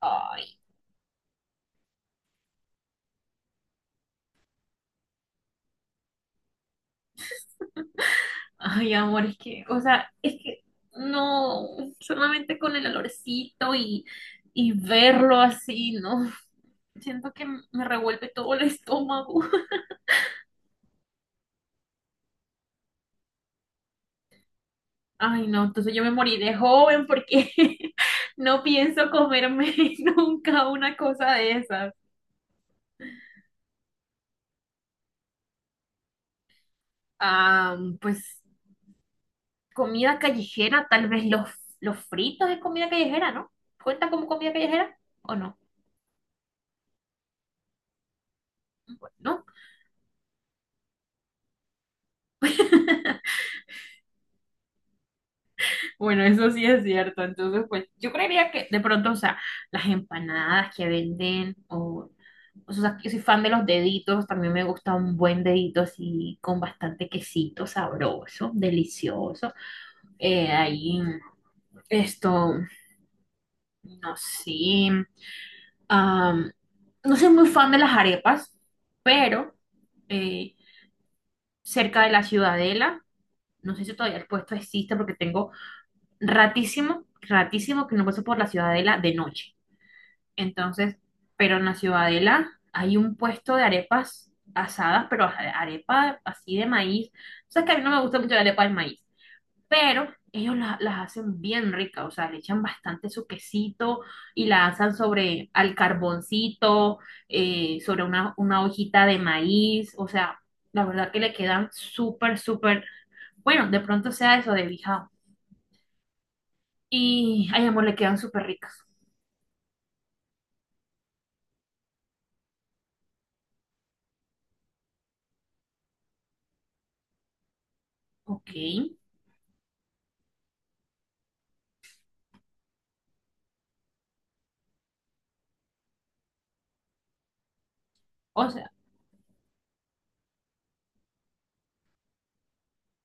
Ay, ay, amor, es que no, solamente con el olorcito y verlo así, ¿no? Siento que me revuelve todo el estómago. Ay, no, entonces yo me morí de joven porque no pienso comerme nunca una cosa de esas. Ah, pues comida callejera, tal vez los fritos es comida callejera, ¿no? ¿Cuenta como comida callejera o no? Bueno, Bueno, eso sí es cierto. Entonces, pues yo creería que de pronto, o sea, las empanadas que venden, o sea, yo soy fan de los deditos, también me gusta un buen dedito así con bastante quesito sabroso, delicioso. Ahí, esto, no sé, am, no soy muy fan de las arepas, pero eh, cerca de la Ciudadela, no sé si todavía el puesto existe porque tengo ratísimo, ratísimo que no paso por la Ciudadela de noche. Entonces, pero en la Ciudadela hay un puesto de arepas asadas, pero arepa así de maíz. O sea, es que a mí no me gusta mucho la arepa de maíz, pero ellos las hacen bien ricas, o sea, le echan bastante su quesito y la asan sobre al carboncito, sobre una hojita de maíz, o sea, la verdad que le quedan súper, súper, bueno, de pronto sea eso de bijao. Ay, amor, le quedan súper ricas. Ok, o sea,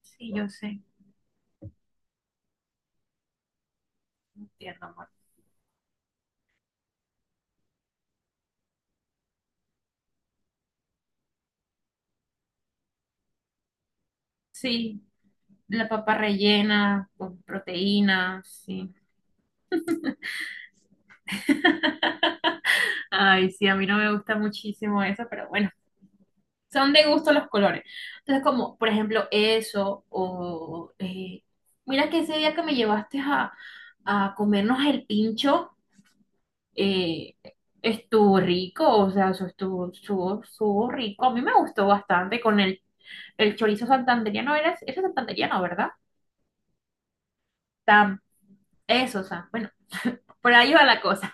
sí, yo sé, entiendo, amor. Sí, la papa rellena con proteínas, sí. Ay, sí, a mí no me gusta muchísimo eso, pero bueno, son de gusto los colores. Entonces, como por ejemplo eso, o mira que ese día que me llevaste a comernos el pincho, eh, estuvo rico, o sea, eso estuvo rico. A mí me gustó bastante con el chorizo santandereano, era santandereano, ¿verdad? Tam, eso, o sea, bueno, por ahí va la cosa.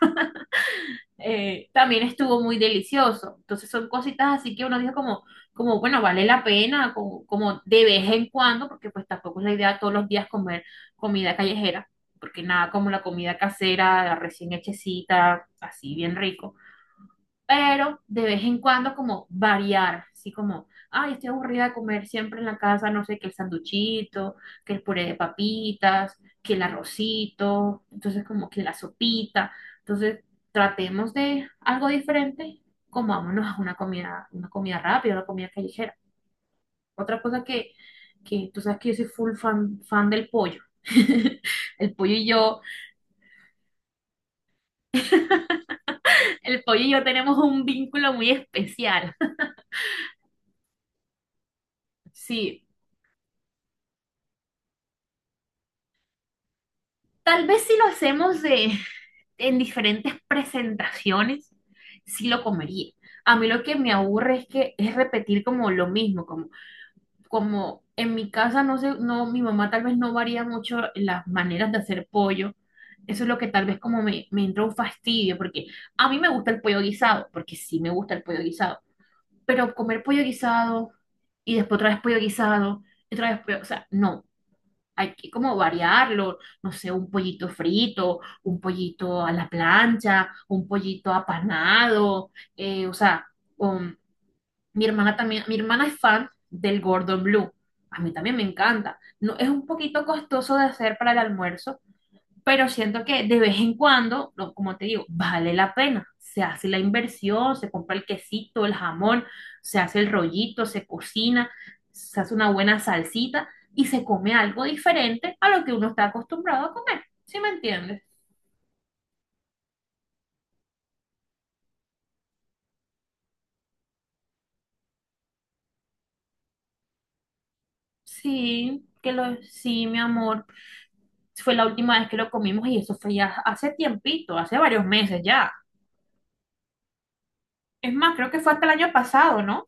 También estuvo muy delicioso. Entonces son cositas así que uno dice como, como, bueno, vale la pena, como de vez en cuando, porque pues tampoco es la idea todos los días comer comida callejera, porque nada como la comida casera, recién hechecita, así bien rico pero de vez en cuando como variar, así como, ay, estoy aburrida de comer siempre en la casa, no sé, que el sanduchito, que el puré de papitas, que el arrocito, entonces como que la sopita, entonces tratemos de algo diferente, comámonos a una comida rápida, una comida callejera. Otra cosa que tú sabes que yo soy full fan del pollo. El pollo y yo, el pollo y yo tenemos un vínculo muy especial. Sí, tal vez si lo hacemos en diferentes presentaciones, sí lo comería. A mí lo que me aburre es que es repetir como lo mismo, como en mi casa, no sé, no, mi mamá tal vez no varía mucho las maneras de hacer pollo. Eso es lo que tal vez como me entra un fastidio, porque a mí me gusta el pollo guisado, porque sí me gusta el pollo guisado, pero comer pollo guisado y después otra vez pollo guisado, y otra vez pollo, o sea, no, hay que como variarlo, no sé, un pollito frito, un pollito a la plancha, un pollito apanado, o sea, um, mi hermana también, mi hermana es fan del Gordon Blue, a mí también me encanta, no, es un poquito costoso de hacer para el almuerzo, pero siento que de vez en cuando, como te digo, vale la pena. Se hace la inversión, se compra el quesito, el jamón, se hace el rollito, se cocina, se hace una buena salsita y se come algo diferente a lo que uno está acostumbrado a comer. ¿Sí me entiendes? Sí, sí, mi amor. Fue la última vez que lo comimos y eso fue ya hace tiempito, hace varios meses ya. Es más, creo que fue hasta el año pasado, ¿no?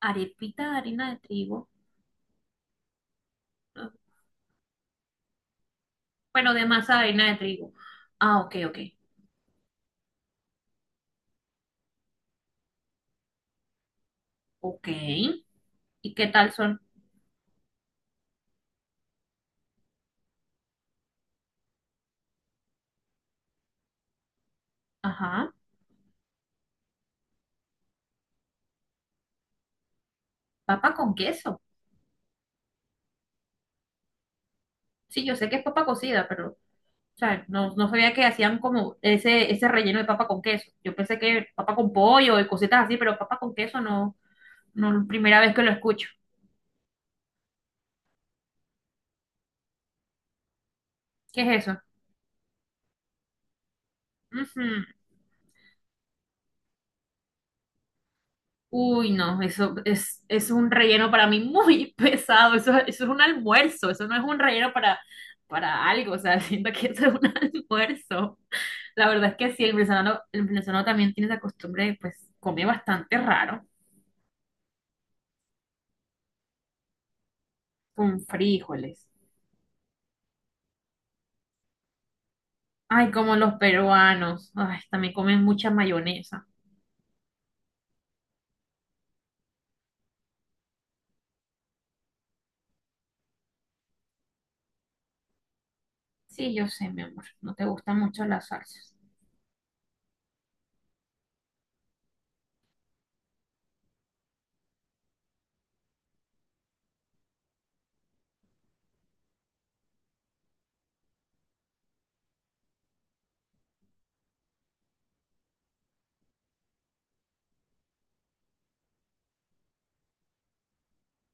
Arepita de harina de trigo. Bueno, de masa de harina de trigo. Ah, ok, ok. Ok. ¿Y qué tal son? Ajá. Papa con queso. Sí, yo sé que es papa cocida, pero, o sea, no, no sabía que hacían como ese relleno de papa con queso. Yo pensé que papa con pollo y cositas así, pero papa con queso no, no, primera vez que lo escucho. ¿Qué es eso? Ujú. Uy, no, eso es un relleno para mí muy pesado. Eso es un almuerzo. Eso no es un relleno para algo. O sea, siento que eso es un almuerzo. La verdad es que sí, el venezolano también tiene esa costumbre de, pues, comer bastante raro, con frijoles. Ay, como los peruanos. Ay, también comen mucha mayonesa. Sí, yo sé, mi amor, no te gustan mucho las salsas.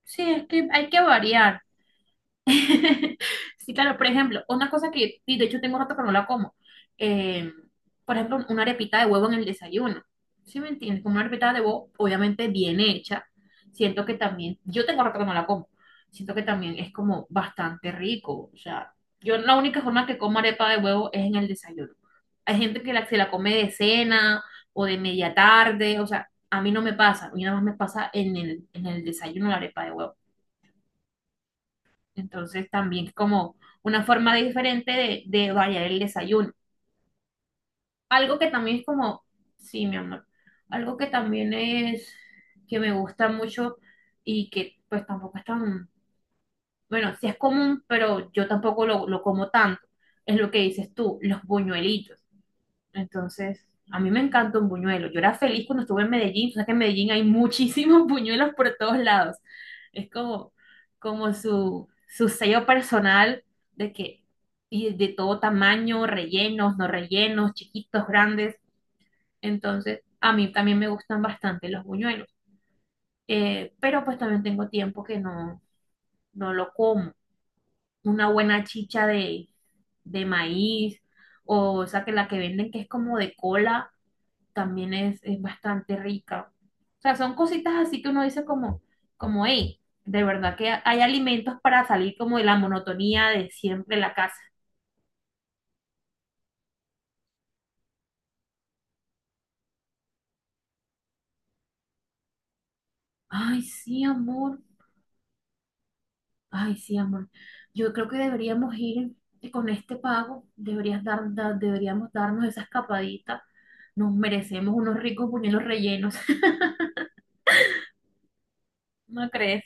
Sí, es que hay que variar. Sí, claro, por ejemplo, una cosa que, y de hecho tengo rato que no la como, eh, por ejemplo, una arepita de huevo en el desayuno, ¿sí me entiendes? Como una arepita de huevo, obviamente bien hecha, siento que también, yo tengo rato que no la como, siento que también es como bastante rico, o sea, yo la única forma que como arepa de huevo es en el desayuno. Hay gente que se la come de cena o de media tarde, o sea, a mí no me pasa, a mí nada más me pasa en el desayuno la arepa de huevo. Entonces también es como una forma diferente de variar el desayuno. Algo que también es como, sí, mi amor, algo que también es que me gusta mucho y que pues tampoco es tan, bueno, sí es común, pero yo tampoco lo como tanto, es lo que dices tú, los buñuelitos. Entonces, a mí me encanta un buñuelo. Yo era feliz cuando estuve en Medellín. O sea que en Medellín hay muchísimos buñuelos por todos lados. Es como su sello personal de que, y de todo tamaño, rellenos, no rellenos, chiquitos, grandes. Entonces, a mí también me gustan bastante los buñuelos. Pero pues también tengo tiempo que no lo como. Una buena chicha de maíz, o sea, que la que venden que es como de cola también es bastante rica. O sea, son cositas así que uno dice como, hey, de verdad que hay alimentos para salir como de la monotonía de siempre en la casa. Ay, sí, amor. Ay, sí, amor. Yo creo que deberíamos ir con este pago, deberíamos darnos esa escapadita. Nos merecemos unos ricos buñuelos rellenos. ¿No crees?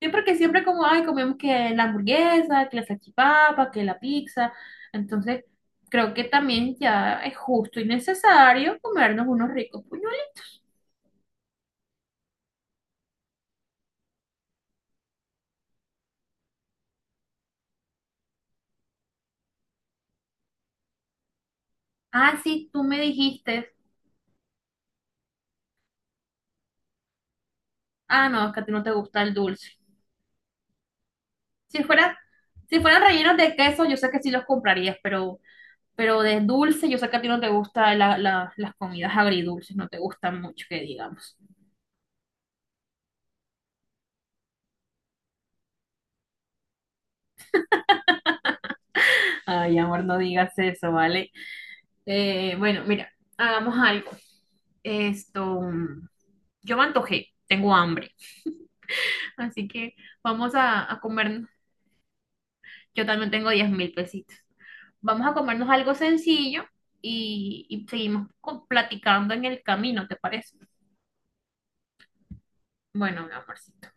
Siempre que siempre como, ay, comemos que la hamburguesa, que la salchipapa, que la pizza. Entonces, creo que también ya es justo y necesario comernos unos ricos puñuelos. Ah, sí, tú me dijiste. Ah, no, es que a ti no te gusta el dulce. Si fuera, si fueran rellenos de queso, yo sé que sí los comprarías, pero, de dulce, yo sé que a ti no te gusta las comidas agridulces, no te gustan mucho, que digamos. Ay, amor, no digas eso, ¿vale? Bueno, mira, hagamos algo. Esto. mm, Yo me antojé, tengo hambre, así que vamos a comernos. Yo también tengo 10.000 pesitos. Vamos a comernos algo sencillo y seguimos platicando en el camino, ¿te parece? Bueno, mi amorcito.